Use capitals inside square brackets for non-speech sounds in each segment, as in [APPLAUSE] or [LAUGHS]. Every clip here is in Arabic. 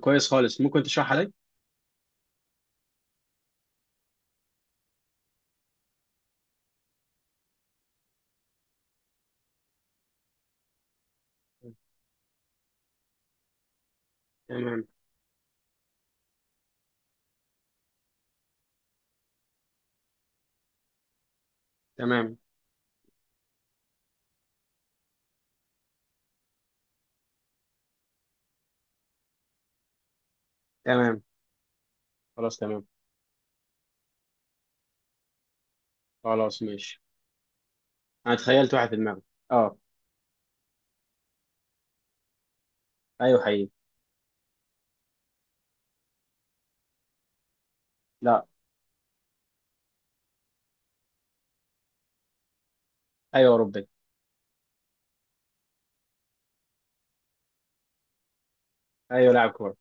كويس خالص، ممكن تشرحها لي. تمام. تمام. تمام. خلاص. تمام. خلاص، ماشي. انا تخيلت واحد في دماغي. اه. ايوه، حقيقي. لا. ايوه، اوروبي. ايوه، لاعب كوره.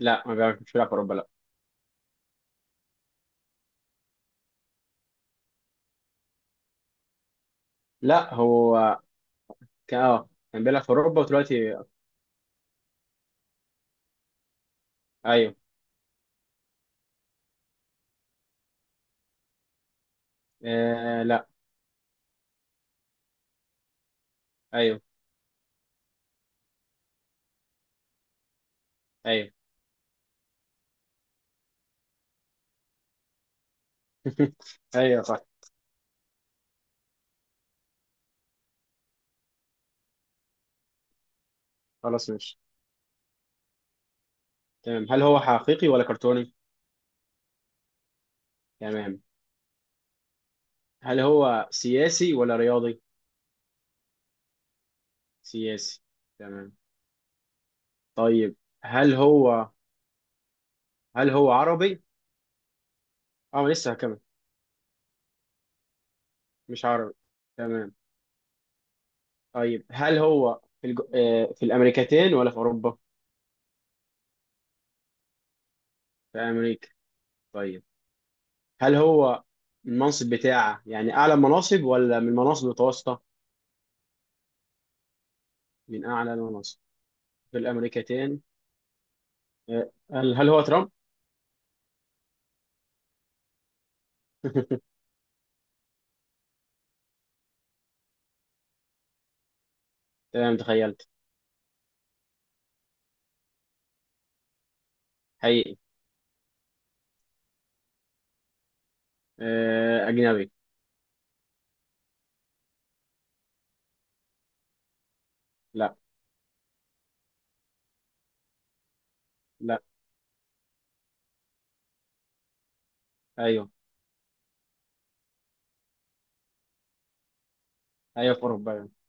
لا، ما بيعرفش، مش بيلعب في اوروبا، لا. لا، هو كان بيلعب في اوروبا ودلوقتي. ايوه. آه. لا. ايوه. ايوه. [LAUGHS] ايوه، صح. خلاص، ماشي. تمام، هل هو حقيقي ولا كرتوني؟ تمام، هل هو سياسي ولا رياضي؟ سياسي. تمام. طيب. هل هو هل هو عربي؟ اه، لسه هكمل. مش عربي. تمام. طيب، هل هو في الج... آه، في الامريكتين ولا في اوروبا؟ في امريكا. طيب، هل هو المنصب بتاعه، يعني اعلى مناصب ولا من المناصب المتوسطه؟ من اعلى المناصب. في الامريكتين. هل هو ترامب؟ [LAUGHS] تمام. تخيلت. حقيقي. اجنبي. لا. لا. ايوه. ايوه في اوروبا أيوة.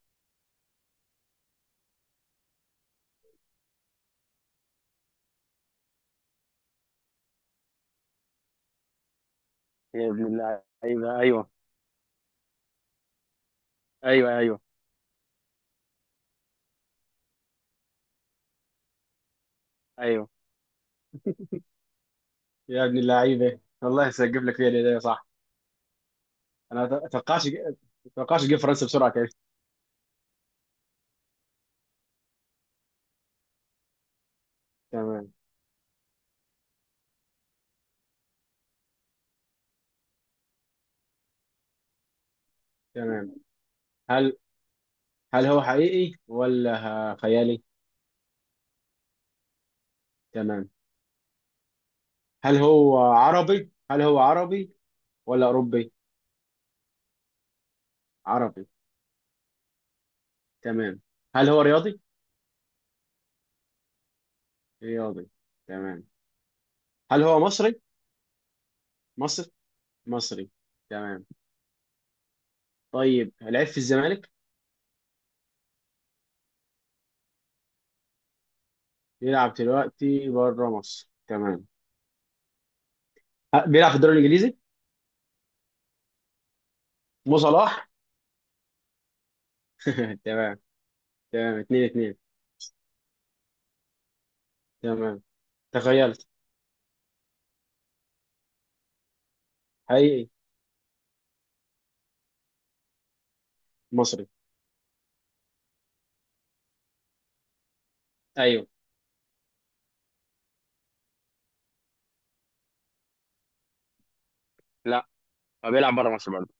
يا ابن اللعيبة. أيوه، أيوه. أيوه، أيوه. أيوه. يا ابن اللعيبه، والله سجف لك فيها الهدايا، صح. انا ما توقعش تجيب فرنسا بسرعه كده. تمام. تمام، هل هل هو حقيقي ولا خيالي؟ تمام، هل هو عربي ولا اوروبي؟ عربي. تمام، هل هو رياضي؟ رياضي. تمام. هل هو مصري؟ مصري. مصري. تمام. طيب، لعب في الزمالك. بيلعب دلوقتي بره مصر. تمام. بيلعب في الدوري الانجليزي. مو صلاح. [LAUGHS] تمام. تمام، اتنين اتنين. تمام، تخيلت. حقيقي. مصري. ايوه. هو بيلعب بره مصر برضه.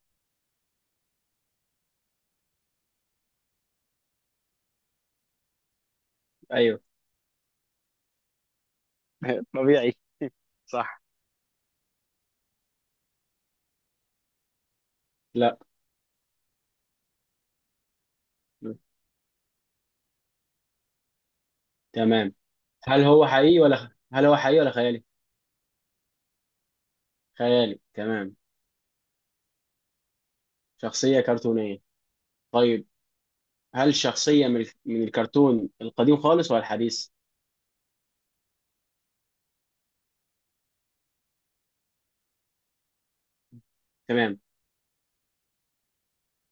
ايوه. [LAUGHS] طبيعي. صح. لا. تمام، هل هو حقيقي ولا خيالي؟ خيالي. تمام. شخصية كرتونية. طيب، هل شخصية من الكرتون القديم خالص ولا الحديث؟ تمام.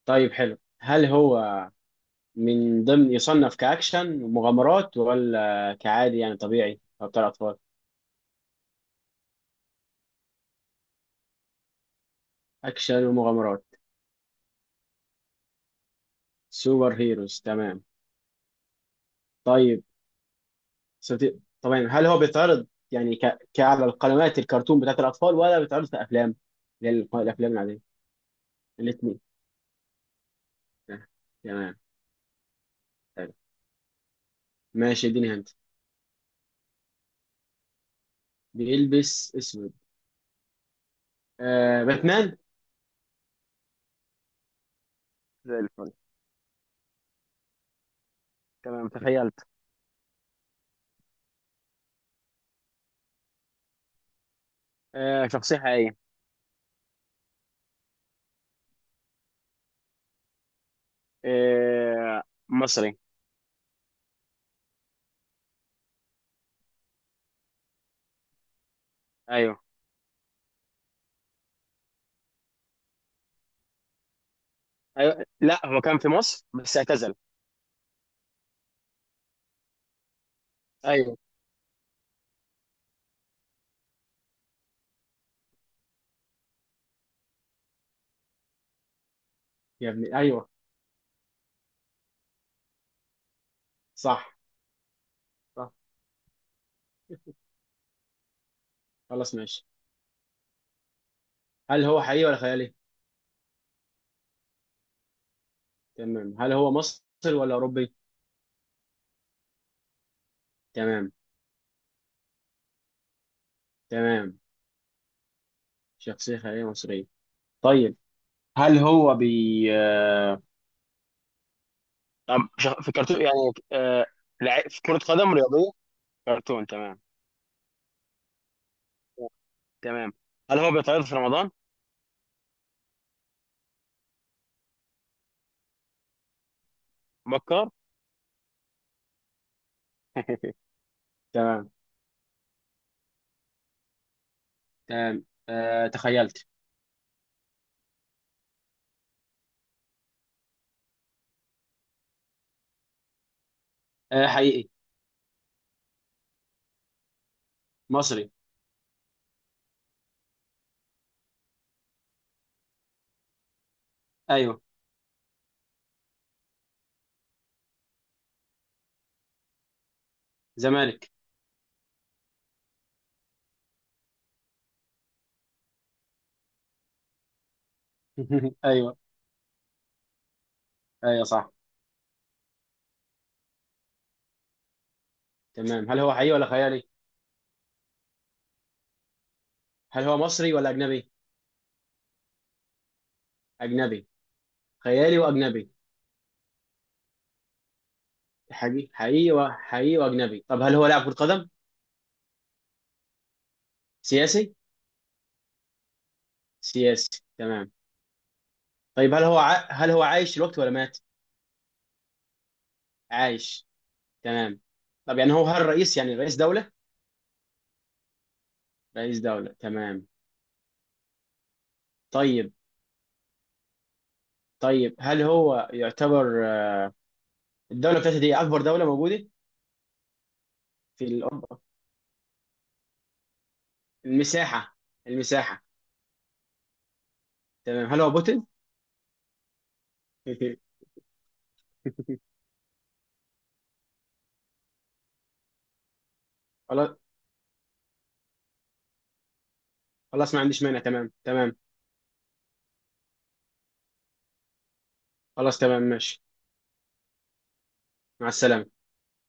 طيب، حلو. هل هو من ضمن يصنف كأكشن ومغامرات ولا كعادي، يعني طبيعي أو بتاع أطفال؟ أكشن ومغامرات. سوبر هيروز. تمام. طيب. طبعا، هل هو بيتعرض، يعني كعلى القنوات الكرتون بتاعت الأطفال ولا بيتعرض كأفلام، اللي هي الأفلام العادية؟ الاثنين. آه، تمام. تمام. ماشي، اديني هنت. بيلبس اسود. باتمان. زي الفل. تمام، تخيلت. شخصية حقيقية. آه مصري. ايوه. ايوه، لا هو كان في مصر بس اعتزل. ايوه. يا ابني، أيوه. صح. صح. [LAUGHS] خلاص، ماشي. هل هو حقيقي ولا خيالي؟ تمام، هل هو مصري ولا أوروبي؟ تمام. تمام. شخصية خيالية مصرية. طيب، هل هو بي آه، طب شخ- في كرتون، يعني لعيب في كرة قدم رياضية؟ كرتون. تمام. تمام، هل هو بيتعرض في رمضان؟ بكر. [LAUGHS] تمام. تمام، تخيلت. حقيقي. مصري. ايوه. زمالك. [LAUGHS] ايوه، ايوه صح. تمام، هل هو حقيقي ولا خيالي؟ هل هو مصري ولا اجنبي؟ اجنبي. خيالي واجنبي. حقيقي. حقيقي وحقيقي واجنبي. طب هل هو لاعب كرة قدم؟ سياسي. سياسي. تمام. طيب، هل هو عايش دلوقتي ولا مات؟ عايش. تمام. طب يعني هو هل الرئيس يعني رئيس دولة؟ رئيس دولة. تمام. طيب. طيب. هل هو يعتبر الدولة بتاعته دي أكبر دولة موجودة؟ في الأوروبا؟ المساحة. المساحة. تمام، هل هو بوتين؟ [LAUGHS] خلاص. خلاص، ما عنديش مانع. تمام. تمام. خلاص، تمام، ماشي. مع السلامة.